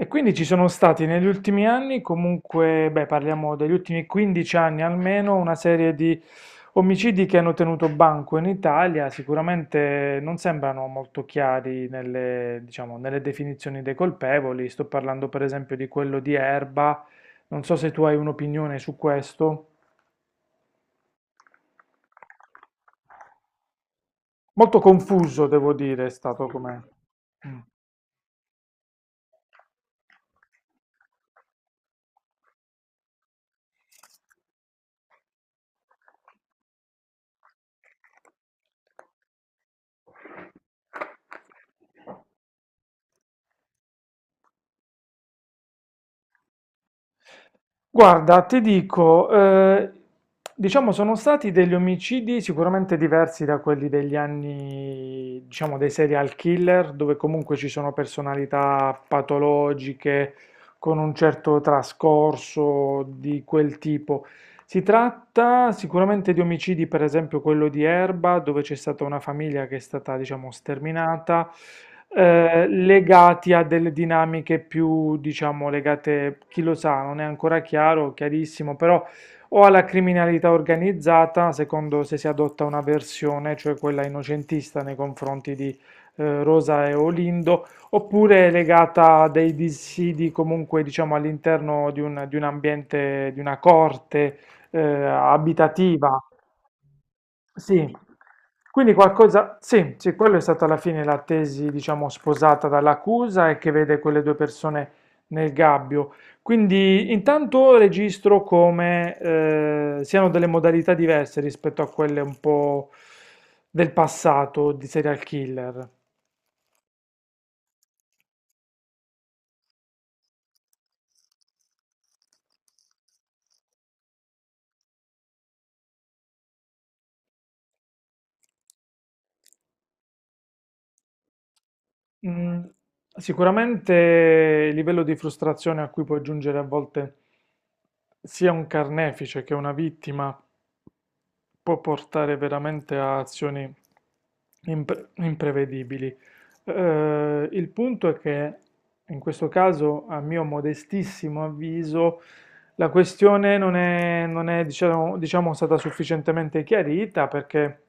E quindi ci sono stati negli ultimi anni, comunque, beh, parliamo degli ultimi 15 anni almeno, una serie di omicidi che hanno tenuto banco in Italia, sicuramente non sembrano molto chiari diciamo, nelle definizioni dei colpevoli. Sto parlando per esempio di quello di Erba, non so se tu hai un'opinione su questo. Molto confuso, devo dire, è stato com'è. Guarda, ti dico, diciamo sono stati degli omicidi sicuramente diversi da quelli degli anni, diciamo, dei serial killer, dove comunque ci sono personalità patologiche con un certo trascorso di quel tipo. Si tratta sicuramente di omicidi, per esempio quello di Erba, dove c'è stata una famiglia che è stata, diciamo, sterminata, legati a delle dinamiche più, diciamo, legate, chi lo sa, non è ancora chiaro, chiarissimo, però o alla criminalità organizzata, secondo se si adotta una versione, cioè quella innocentista nei confronti di Rosa e Olindo, oppure è legata a dei dissidi comunque, diciamo, all'interno di un ambiente, di una corte abitativa. Sì, quindi qualcosa, sì, sì, quello è stata alla fine la tesi, diciamo, sposata dall'accusa e che vede quelle due persone nel gabbio. Quindi intanto registro come siano delle modalità diverse rispetto a quelle un po' del passato di serial killer. Mm, Sicuramente il livello di frustrazione a cui può giungere a volte sia un carnefice che una vittima può portare veramente a azioni imprevedibili. Il punto è che in questo caso, a mio modestissimo avviso, la questione non è, diciamo, stata sufficientemente chiarita perché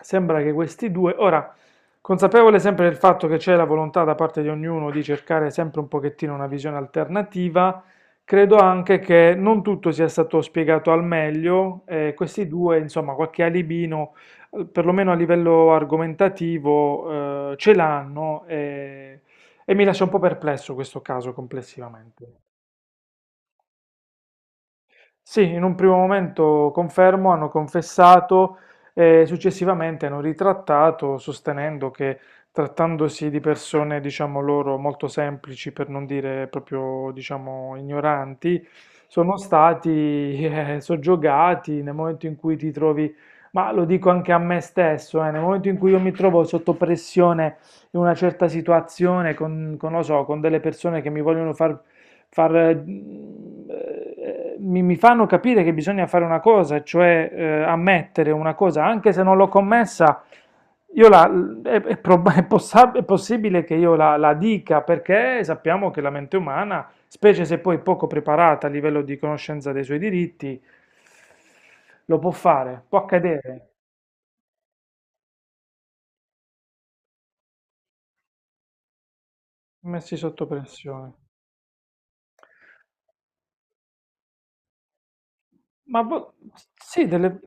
sembra che questi due, ora, consapevole sempre del fatto che c'è la volontà da parte di ognuno di cercare sempre un pochettino una visione alternativa, credo anche che non tutto sia stato spiegato al meglio e questi due, insomma, qualche alibino, perlomeno a livello argomentativo, ce l'hanno e mi lascia un po' perplesso questo caso complessivamente. Sì, in un primo momento confermo, hanno confessato e successivamente hanno ritrattato sostenendo che trattandosi di persone, diciamo loro, molto semplici, per non dire proprio, diciamo, ignoranti, sono stati soggiogati nel momento in cui ti trovi, ma lo dico anche a me stesso, nel momento in cui io mi trovo sotto pressione in una certa situazione con, lo so, con delle persone che mi vogliono far, eh, mi fanno capire che bisogna fare una cosa, cioè ammettere una cosa, anche se non l'ho commessa, io la, è prob- è possa- è possibile che io la dica perché sappiamo che la mente umana, specie se poi poco preparata a livello di conoscenza dei suoi diritti, lo può fare, può accadere, messi sotto pressione. Ma boh, sì,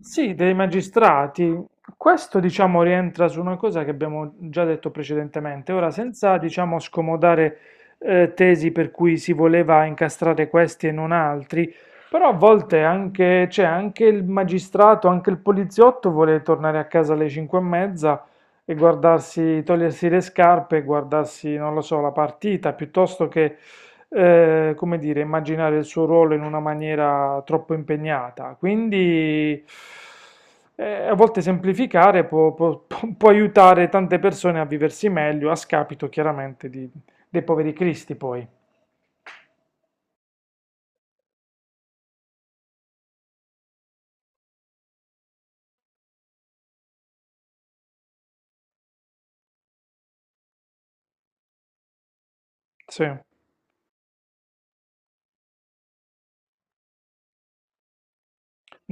sì, dei magistrati. Questo, diciamo, rientra su una cosa che abbiamo già detto precedentemente. Ora, senza, diciamo, scomodare tesi per cui si voleva incastrare questi e non altri, però a volte anche, cioè, anche il magistrato, anche il poliziotto vuole tornare a casa alle 5 e mezza e guardarsi, togliersi le scarpe e guardarsi, non lo so, la partita, piuttosto che come dire, immaginare il suo ruolo in una maniera troppo impegnata. Quindi a volte semplificare può aiutare tante persone a viversi meglio, a scapito chiaramente dei poveri cristi poi. Sì.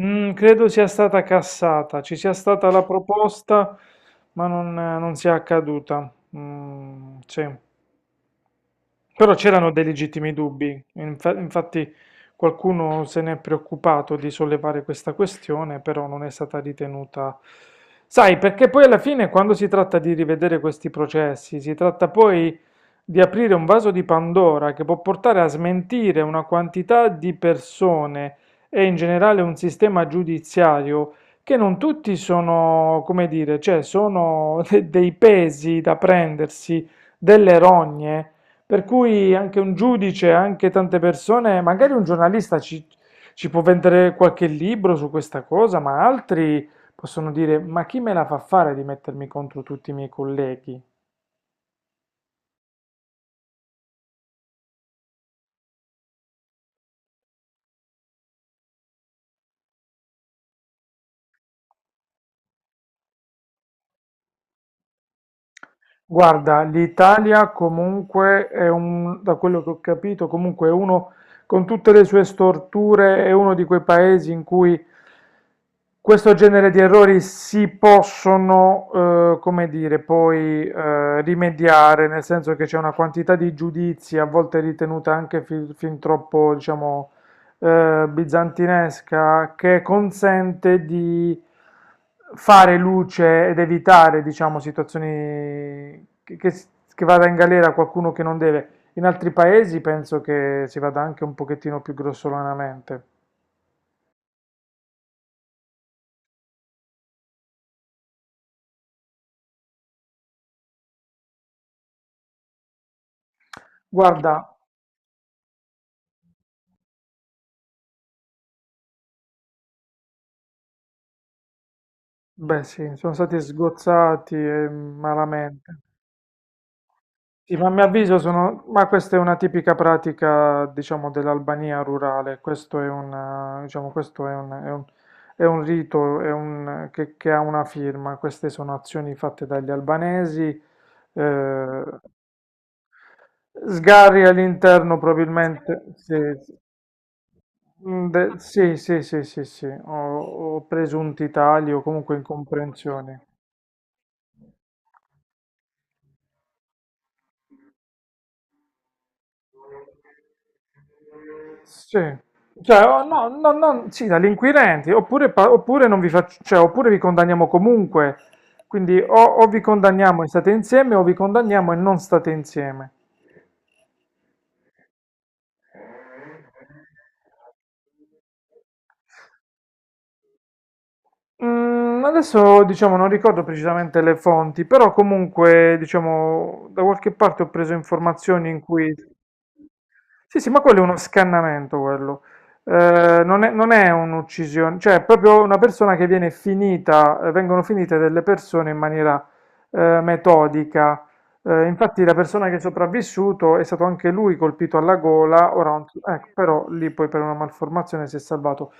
Credo sia stata cassata, ci sia stata la proposta, ma non sia accaduta. Mm, sì. Però c'erano dei legittimi dubbi, infatti qualcuno se n'è preoccupato di sollevare questa questione, però non è stata ritenuta. Sai, perché poi alla fine quando si tratta di rivedere questi processi, si tratta poi di aprire un vaso di Pandora che può portare a smentire una quantità di persone e in generale un sistema giudiziario che non tutti sono, come dire, cioè sono dei pesi da prendersi, delle rogne per cui anche un giudice, anche tante persone, magari un giornalista ci, ci può vendere qualche libro su questa cosa, ma altri possono dire: Ma chi me la fa fare di mettermi contro tutti i miei colleghi? Guarda, l'Italia comunque è un, da quello che ho capito, comunque è uno, con tutte le sue storture, è uno di quei paesi in cui questo genere di errori si possono, come dire, poi rimediare, nel senso che c'è una quantità di giudizi, a volte ritenuta anche fin troppo, diciamo, bizantinesca, che consente di fare luce ed evitare, diciamo, situazioni che che vada in galera qualcuno che non deve. In altri paesi penso che si vada anche un pochettino più grossolanamente. Guarda. Beh, sì, sono stati sgozzati malamente. Sì, ma a mio avviso Ma questa è una tipica pratica, diciamo, dell'Albania rurale. Questo diciamo, questo è un, è un- è un rito, che ha una firma. Queste sono azioni fatte dagli albanesi. eh, Sgarri all'interno probabilmente. Sì, sì, sì, sì, sì, sì, o presunti tagli o comunque incomprensioni. Sì. Cioè, oh, no, no, no, sì, dagli inquirenti, oppure, oppure non vi faccio, cioè, oppure vi condanniamo comunque. Quindi o, vi condanniamo e state insieme o vi condanniamo e non state insieme. Adesso diciamo non ricordo precisamente le fonti, però comunque diciamo da qualche parte ho preso informazioni in cui... Sì, sì, ma quello è uno scannamento, quello. Non è un'uccisione, cioè è proprio una persona che viene finita, vengono finite delle persone in maniera metodica. Infatti la persona che è sopravvissuto è stato anche lui colpito alla gola, ora non so- ecco, però lì poi per una malformazione si è salvato.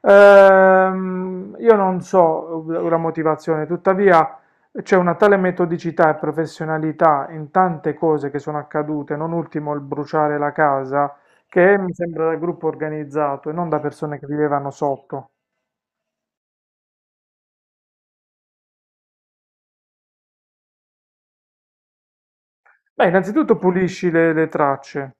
Io non so la motivazione, tuttavia c'è una tale metodicità e professionalità in tante cose che sono accadute, non ultimo il bruciare la casa, che mi sembra da gruppo organizzato e non da persone che vivevano sotto. Beh, innanzitutto pulisci le tracce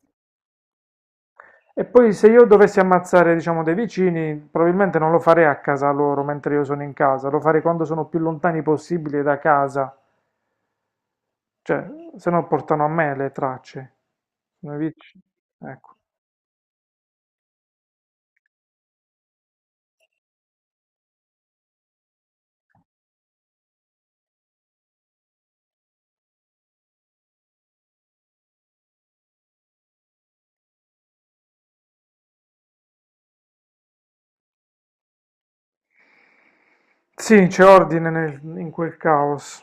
e poi se io dovessi ammazzare, diciamo, dei vicini, probabilmente non lo farei a casa loro mentre io sono in casa, lo farei quando sono più lontani possibile da casa. Cioè, se no portano a me le tracce. Sono i vic- Ecco. Sì, c'è ordine in quel caos.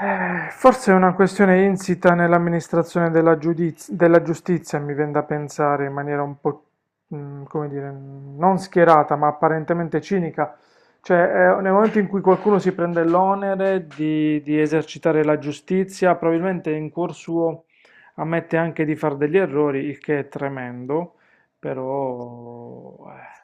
Forse è una questione insita nell'amministrazione della giustizia, mi viene da pensare in maniera un po', come dire, non schierata, ma apparentemente cinica. Cioè, nel momento in cui qualcuno si prende l'onere di esercitare la giustizia, probabilmente in cuor suo ammette anche di fare degli errori, il che è tremendo, però.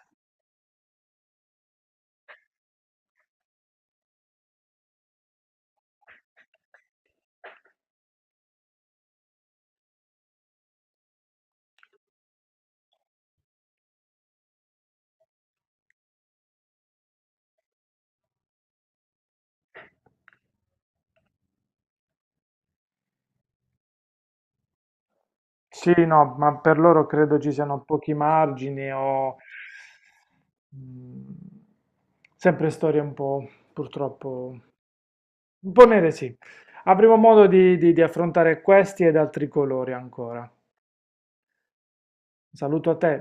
Sì, no, ma per loro credo ci siano pochi margini o mm, sempre storie un po', purtroppo, un po' nere, sì. Avremo modo di affrontare questi ed altri colori ancora. Saluto a te.